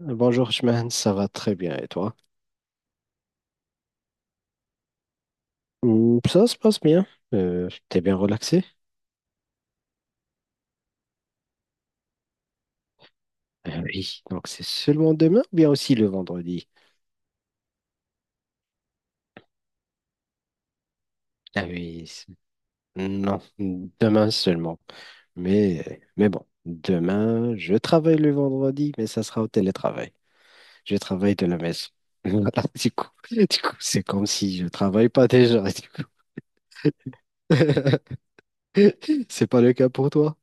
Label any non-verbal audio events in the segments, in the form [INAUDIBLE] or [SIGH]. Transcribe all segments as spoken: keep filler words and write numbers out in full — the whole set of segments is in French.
Bonjour, Chimène, ça va très bien et toi? Hmm, Ça se passe bien. Euh, t'es bien relaxé? Euh, oui, donc c'est seulement demain ou bien aussi le vendredi? Ah oui, c'est- non, demain seulement. Mais, mais bon, demain, je travaille le vendredi, mais ça sera au télétravail. Je travaille de la maison. [LAUGHS] Voilà, du coup, du coup, c'est comme si je travaille pas déjà. du coup. [LAUGHS] C'est pas le cas pour toi?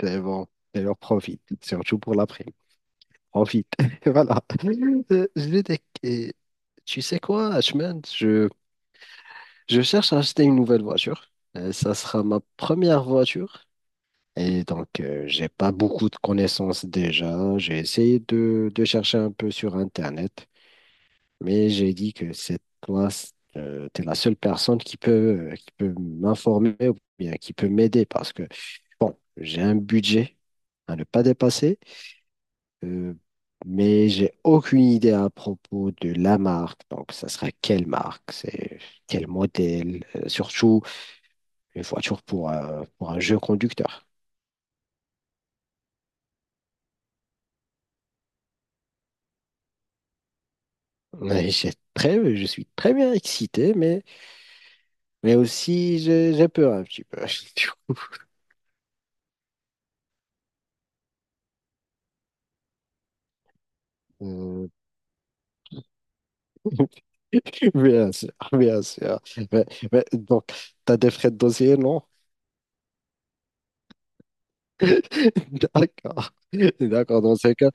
C'est bon. Alors profite, surtout pour l'après-midi. En vide. [LAUGHS] Voilà. Euh, Je vais dé- et tu sais quoi, Ashman, je, je cherche à acheter une nouvelle voiture. Euh, ça sera ma première voiture. Et donc, euh, j'ai pas beaucoup de connaissances déjà. J'ai essayé de, de chercher un peu sur Internet, mais j'ai dit que c'est toi, euh, t'es la seule personne qui peut, euh, qui peut m'informer ou bien qui peut m'aider parce que, bon, j'ai un budget à ne pas dépasser. Euh, mais j'ai aucune idée à propos de la marque. Donc, ça sera quelle marque, c'est quel modèle, euh, surtout une voiture pour un, pour un jeu conducteur. Mais j'ai très, je suis très bien excité, mais, mais aussi j'ai j'ai peur un petit peu. [LAUGHS] Euh, [LAUGHS] Bien sûr, bien sûr. Mais- mais donc, tu as des frais de dossier, non? [LAUGHS] D'accord. D'accord, dans ce cas.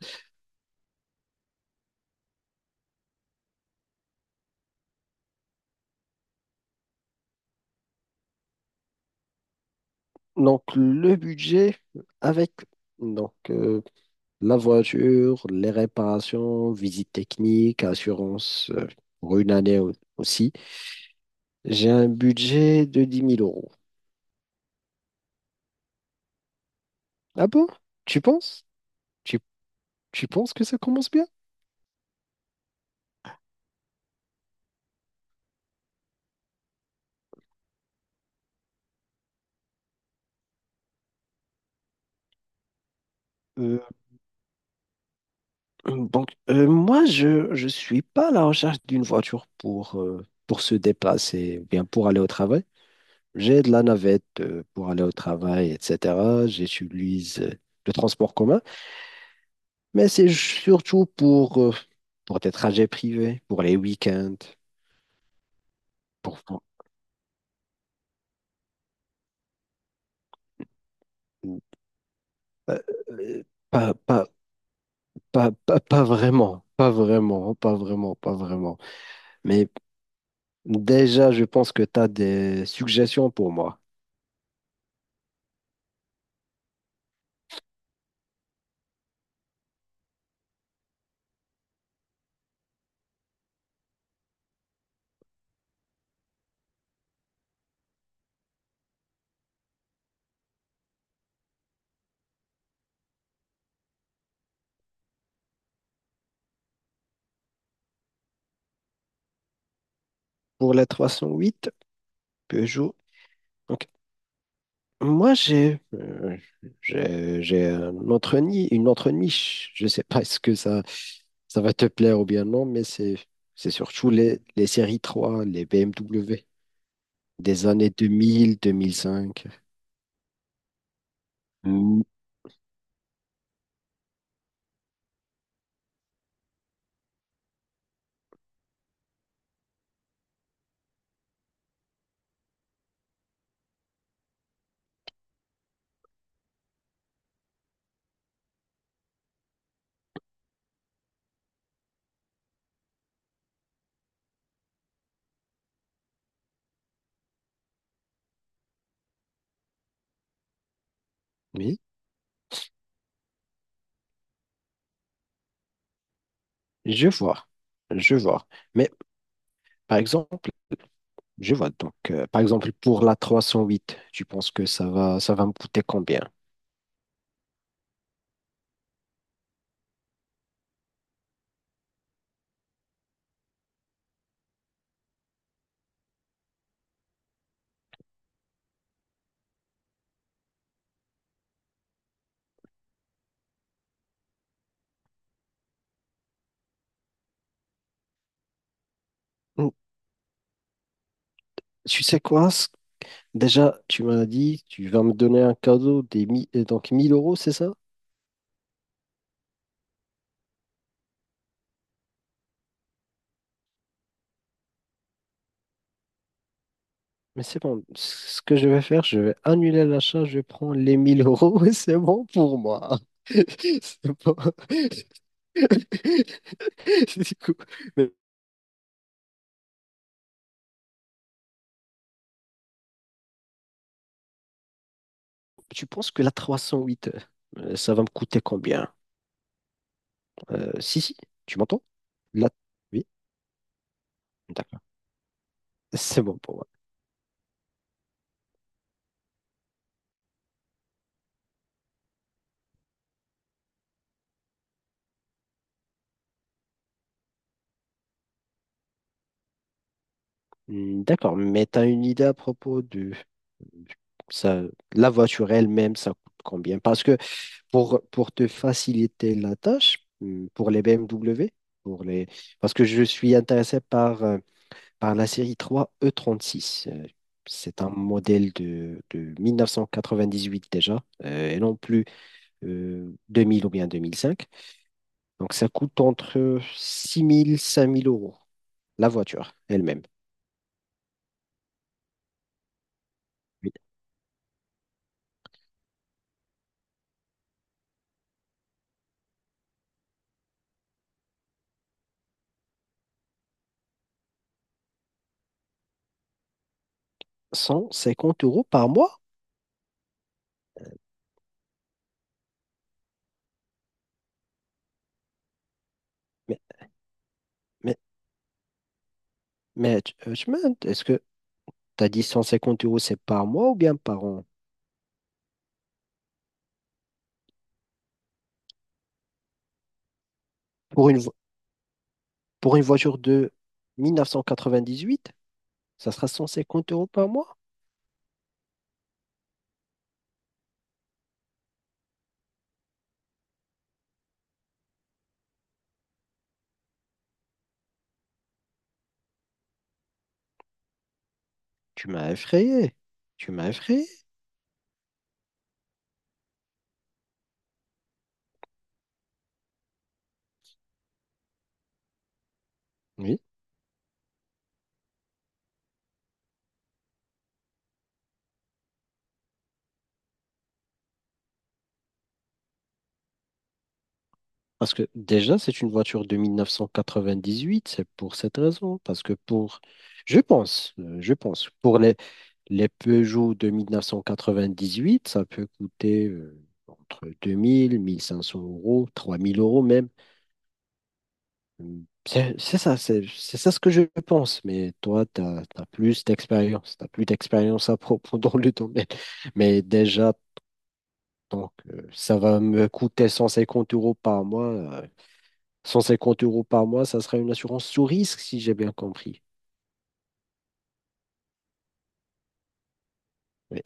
Donc, le budget avec donc, euh, la voiture, les réparations, visite technique, assurance euh, pour une année au- aussi, j'ai un budget de dix mille euros. Ah bon? Tu penses? Tu, tu penses que ça commence bien? Euh, [CLEARS THROAT] donc, euh, moi, je je suis pas à la recherche d'une voiture pour, euh, pour se déplacer, ou bien pour aller au travail. J'ai de la navette euh, pour aller au travail, et cetera. J'utilise euh, le transport commun. Mais c'est surtout pour, euh, pour des trajets privés, pour les week-ends, pour, pour- euh, euh, pas, pas, pas, pas, pas vraiment, pas vraiment, pas vraiment, pas vraiment. Mais déjà, je pense que tu as des suggestions pour moi. Pour la trois cent huit Peugeot. Ok. Moi, j'ai euh, j'ai j'ai un autre nid, une autre niche. Je ne sais pas est-ce que ça, ça va te plaire ou bien non, mais c'est c'est surtout les, les séries trois les B M W des années deux mille, deux mille cinq. Mm. Oui, je vois, je vois. Mais par exemple, Je vois. Donc, euh, par exemple, pour la trois cent huit, tu penses que ça va, ça va me coûter combien? Hmm, Tu sais quoi? Ce Déjà, tu m'as dit, tu vas me donner un cadeau des mi- euh, donc mille euros, c'est ça? Mais c'est bon, ce que je vais faire, je vais annuler l'achat, je prends les mille euros [LAUGHS] et c'est bon pour moi. [LAUGHS] C'est bon. [LAUGHS] Du coup, mais tu penses que la trois cent huit, euh, ça va me coûter combien? Euh, si, si, tu m'entends? La... Oui, d'accord. C'est bon pour moi. Hmm, D'accord, mais tu as une idée à propos de ça, la voiture elle-même, ça coûte combien? Parce que Pour, pour te faciliter la tâche, hum, pour les B M W, pour les... parce que je suis intéressé par, euh, par la série trois E trente-six. Euh, C'est un modèle de, de mille neuf cent quatre-vingt-dix-huit déjà, euh, et non plus euh, deux mille ou bien deux mille cinq. Donc ça coûte entre six mille cinq mille euros, la voiture elle-même. cent cinquante euros par mois? Mais, mais, mais tu- euh, tu m'as- est-ce que tu as dit cent cinquante euros, c'est par mois ou bien par an? Pour une, vo- pour une voiture de mille neuf cent quatre-vingt-dix-huit, ça sera cent cinquante euros par mois? Tu m'as effrayé. Tu m'as effrayé. Oui. Parce que déjà, c'est une voiture de mille neuf cent quatre-vingt-dix-huit. C'est pour cette raison. Parce que pour, je pense, euh, je pense, pour les, les Peugeot de mille neuf cent quatre-vingt-dix-huit, ça peut coûter euh, entre deux mille, mille cinq cents euros, trois mille euros même. Hum, C'est c'est ça, c'est c'est ça ce que je pense. Mais toi, tu as plus d'expérience. Tu as plus d'expérience à propos [LAUGHS] dans le domaine. Mais déjà, donc, euh, ça va me coûter cent cinquante euros par mois. euh, cent cinquante euros par mois, ça sera une assurance sous risque, si j'ai bien compris. Mais,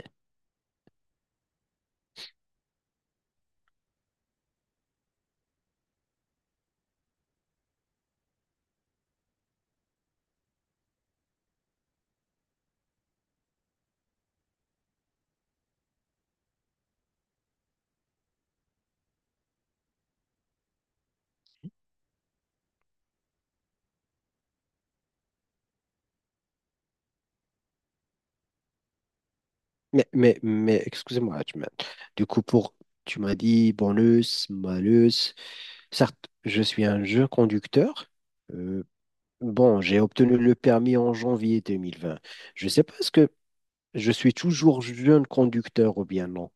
mais, mais, mais, excusez-moi, tu m'as- du coup, pour, tu m'as dit bonus, malus. Certes, je suis un jeune conducteur. Euh, bon, j'ai obtenu le permis en janvier deux mille vingt. Je ne sais pas, est-ce que je suis toujours jeune conducteur ou bien non?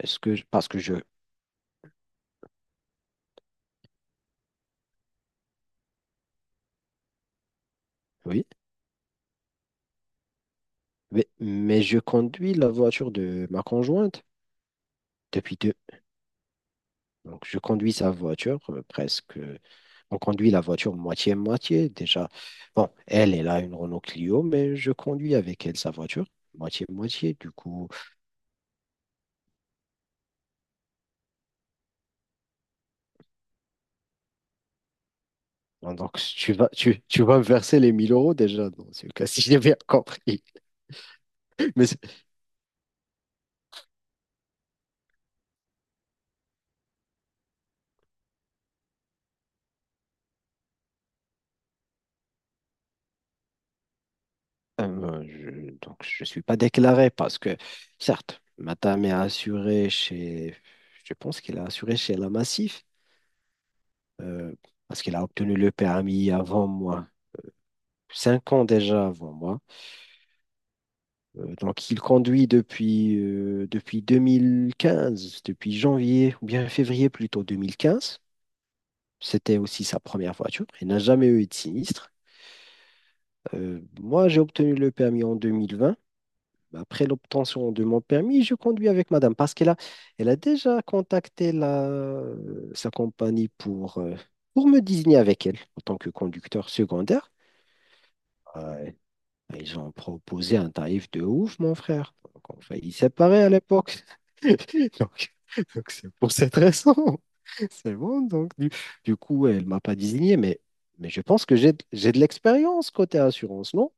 Est-ce que, je- parce que je, oui, mais, mais je conduis la voiture de ma conjointe depuis donc, je conduis sa voiture euh, presque. euh, On conduit la voiture moitié-moitié déjà. Bon, elle, elle a une Renault Clio, mais je conduis avec elle sa voiture moitié-moitié. Du coup, bon, donc si tu vas, tu, tu vas me verser les mille euros déjà dans ce cas, si j'ai bien compris. [LAUGHS] Mais c'est- Euh, je, donc, je ne suis pas déclaré parce que, certes, Matam est assuré chez, je pense qu'il a assuré chez la Massif, euh, parce qu'il a obtenu le permis avant moi, cinq ans déjà avant moi. Euh, donc, il conduit depuis, euh, depuis deux mille quinze, depuis janvier, ou bien février plutôt deux mille quinze. C'était aussi sa première voiture. Il n'a jamais eu de sinistre. Euh, moi, j'ai obtenu le permis en deux mille vingt. Bah, Après l'obtention de mon permis, je conduis avec madame parce qu'elle a, elle a déjà contacté la, euh, sa compagnie pour, euh, pour me désigner avec elle en tant que conducteur secondaire. Ouais. Ils ont proposé un tarif de ouf, mon frère. Donc, on faillit séparer à l'époque. [LAUGHS] Donc, donc c'est pour cette raison. [LAUGHS] C'est bon. Donc, du, du coup, elle ne m'a pas désigné, mais, mais je pense que j'ai, j'ai de l'expérience côté assurance, non.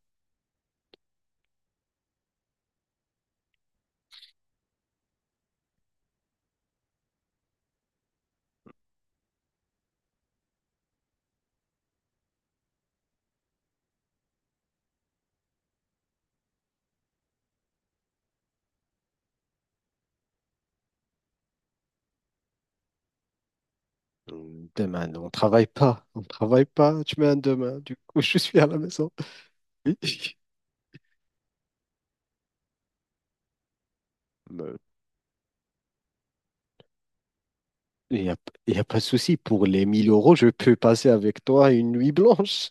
Demain, on travaille pas. On travaille pas. Tu mets un demain. Du coup, [LAUGHS] je suis à la maison. [LAUGHS] Oui. Mais Il n'y a, il y a pas de souci. Pour les mille euros, je peux passer avec toi une nuit blanche.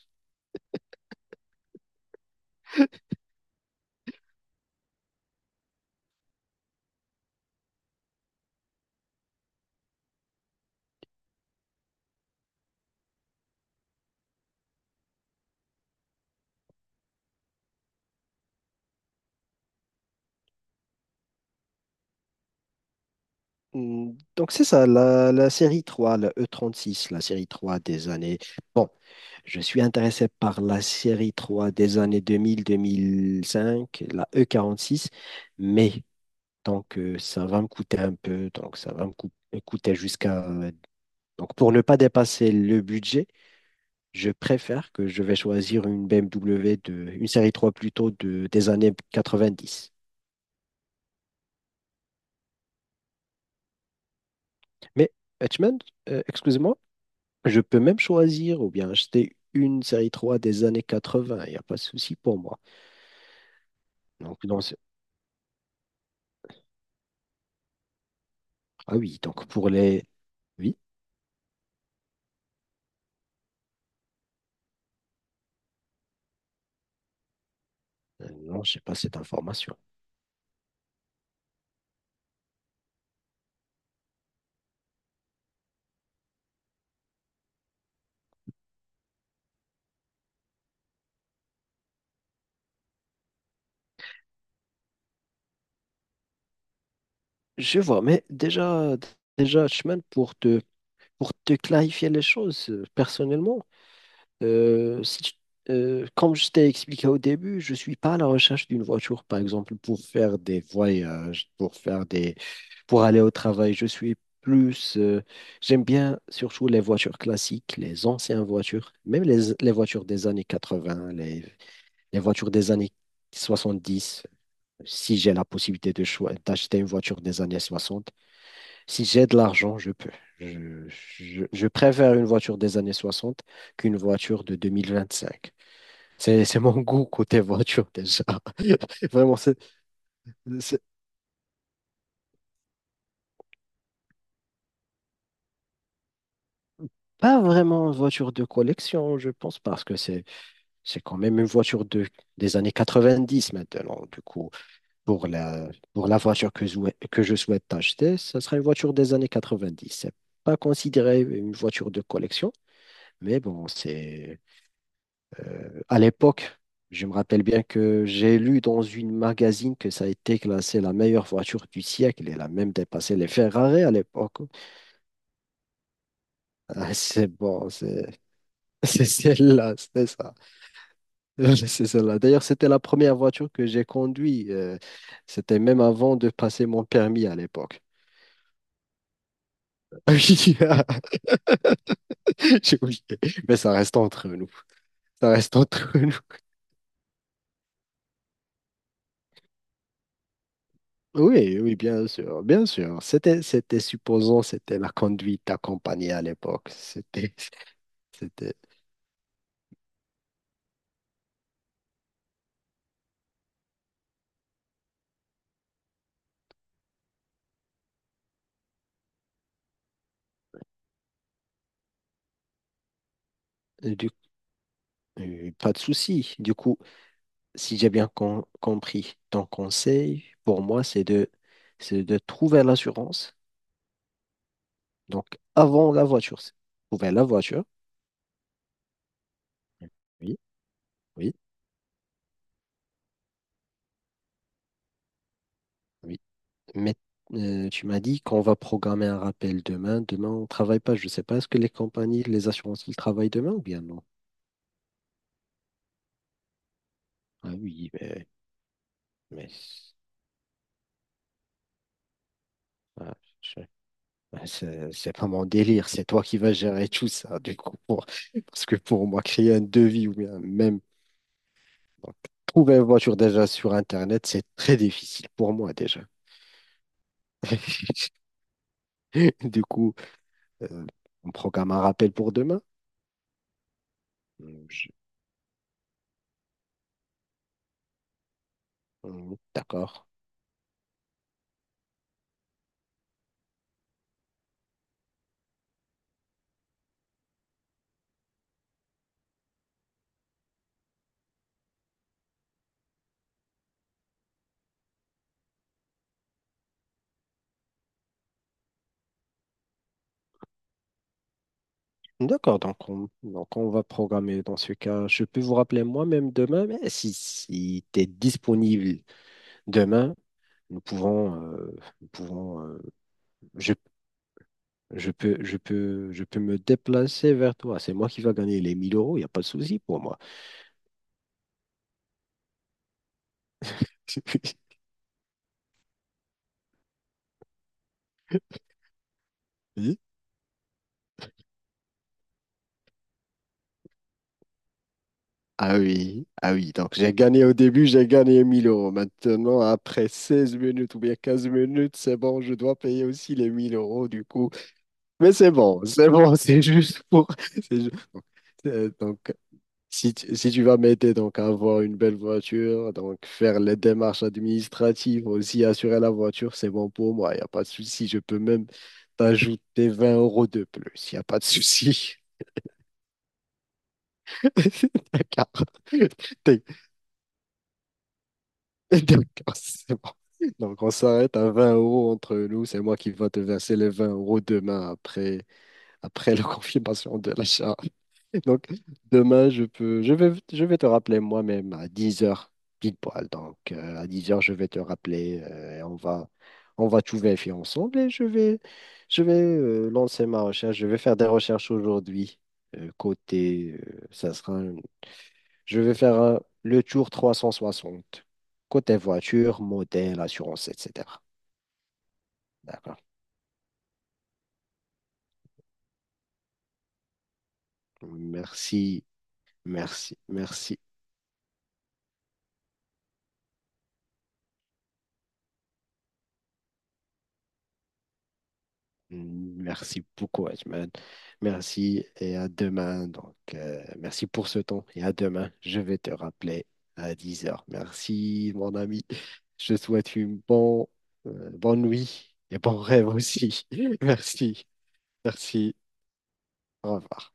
Hmm, Donc, c'est ça, la, la série trois, la e trente-six, la série trois des années. Bon, je suis intéressé par la série trois des années deux deux mille mille cinq, la e quarante-six, mais donc euh, ça va me coûter un peu, donc ça va me cou- me coûter jusqu'à donc, pour ne pas dépasser le budget, je préfère que je vais choisir une B M W de, une série trois plutôt de, des années quatre-vingt-dix. Mais, Hutchman, euh, excuse-moi, je peux même choisir ou bien acheter une série trois des années quatre-vingts. Il n'y a pas de souci pour moi. Donc, dans ce- ah oui, donc pour les. Oui, euh, non, je n'ai pas cette information. Je vois, mais déjà, déjà, Hutchman, pour te, pour te clarifier les choses, euh, personnellement, Euh, si tu- euh, comme je t'ai expliqué au début, je ne suis pas à la recherche d'une voiture, par exemple, pour faire des voyages, pour faire des, pour aller au travail. Je suis plus, euh, j'aime bien surtout les voitures classiques, les anciennes voitures, même les, les voitures des années quatre-vingts, les, les voitures des années soixante-dix. Si j'ai la possibilité de choi- d'acheter une voiture des années soixante. Si j'ai de l'argent, je peux. Je, je- je préfère une voiture des années soixante qu'une voiture de deux mille vingt-cinq. C'est, c'est mon [LAUGHS] goût côté voiture déjà. [LAUGHS] Vraiment, c'est c'est pas vraiment une voiture de collection, je pense, parce que c'est c'est quand même une voiture de, des années quatre-vingt-dix maintenant. Du coup, pour la, pour la voiture que, je souhai- que je souhaite acheter, ce sera une voiture des années quatre-vingt-dix. C'est pas considéré une voiture de collection, mais bon, c'est à l'époque, je me rappelle bien que j'ai lu dans une magazine que ça a été classé la meilleure voiture du siècle. Elle a même dépassé les Ferrari à l'époque. [LAUGHS] Ah, c'est bon, c'est [LAUGHS] c'est celle-là, c'est ça. [LAUGHS] C'est celle-là. D'ailleurs, c'était la première voiture que j'ai conduite. euh, C'était même avant de passer mon permis à l'époque. [LAUGHS] Oui, [LAUGHS] J'ai oublié. Mais ça reste entre nous. Ça reste entre nous. Oui, oui, bien sûr, bien sûr. C'était, c'était supposons, c'était la conduite accompagnée à l'époque. C'était, [LAUGHS] C'était... Euh, Du... euh, Pas de souci. Du coup, si j'ai bien com- compris, ton conseil pour moi, c'est de... c'est de trouver l'assurance. Donc, avant la voiture. Trouver la voiture. Oui, oui, oui. Mais euh, tu m'as dit qu'on va programmer un rappel demain. Demain, on ne travaille pas. Je ne sais pas, est-ce que les compagnies, les assurances, ils travaillent demain ou bien non? Ah oui, mais, mais ah, je- ah, c'est c'est pas mon délire. C'est toi qui vas gérer tout ça, du coup. pour- parce que pour moi, créer un devis ou bien même donc, trouver une voiture déjà sur Internet, c'est très difficile pour moi déjà. [LAUGHS] Du coup, euh, on programme un rappel pour demain. Hmm, je- hmm, D'accord. D'accord, donc on, donc on va programmer dans ce cas. Je peux vous rappeler moi-même demain, mais si, si tu es disponible demain, nous pouvons, euh, nous pouvons euh, je, je peux, je peux, je peux me déplacer vers toi. C'est moi qui va gagner les mille euros, il n'y a pas de souci pour moi. [LAUGHS] Oui. Ah oui, ah oui, donc j'ai gagné au début, j'ai gagné mille euros. Maintenant, après seize minutes ou bien quinze minutes, c'est bon, je dois payer aussi les mille euros. Du coup, mais c'est bon, c'est bon, [LAUGHS] c'est juste pour. [LAUGHS] c'est ju- Euh, Donc, si tu, si tu vas m'aider donc, à avoir une belle voiture, donc faire les démarches administratives, aussi assurer la voiture, c'est bon pour moi, il n'y a pas de souci. Je peux même t'ajouter vingt euros de plus, il n'y a pas de souci. [LAUGHS] D'accord. T'es- D'accord, c'est bon. Donc, on s'arrête à vingt euros entre nous, c'est moi qui va te verser les vingt euros demain après, après la [LAUGHS] confirmation de l'achat. Donc, demain, je peux, je vais, je vais te rappeler moi-même à dix heures, pile poil. Donc, euh, à dix heures je vais te rappeler euh, et on va, on va tout vérifier ensemble et je vais, je vais euh, lancer ma recherche. Je vais faire des recherches aujourd'hui. Euh, côté, euh, ça sera, un- je vais faire un- le tour trois cent soixante côté voiture, modèle, assurance, et cetera. D'accord. Merci, merci, merci. Mm, Merci beaucoup, Ajman. Merci et à demain. Donc, euh, merci pour ce temps et à demain. Je vais te rappeler à dix heures. Merci, mon ami. Je te souhaite une bonne, euh, bonne nuit et bon rêve aussi. [LAUGHS] Merci. Merci. Au revoir.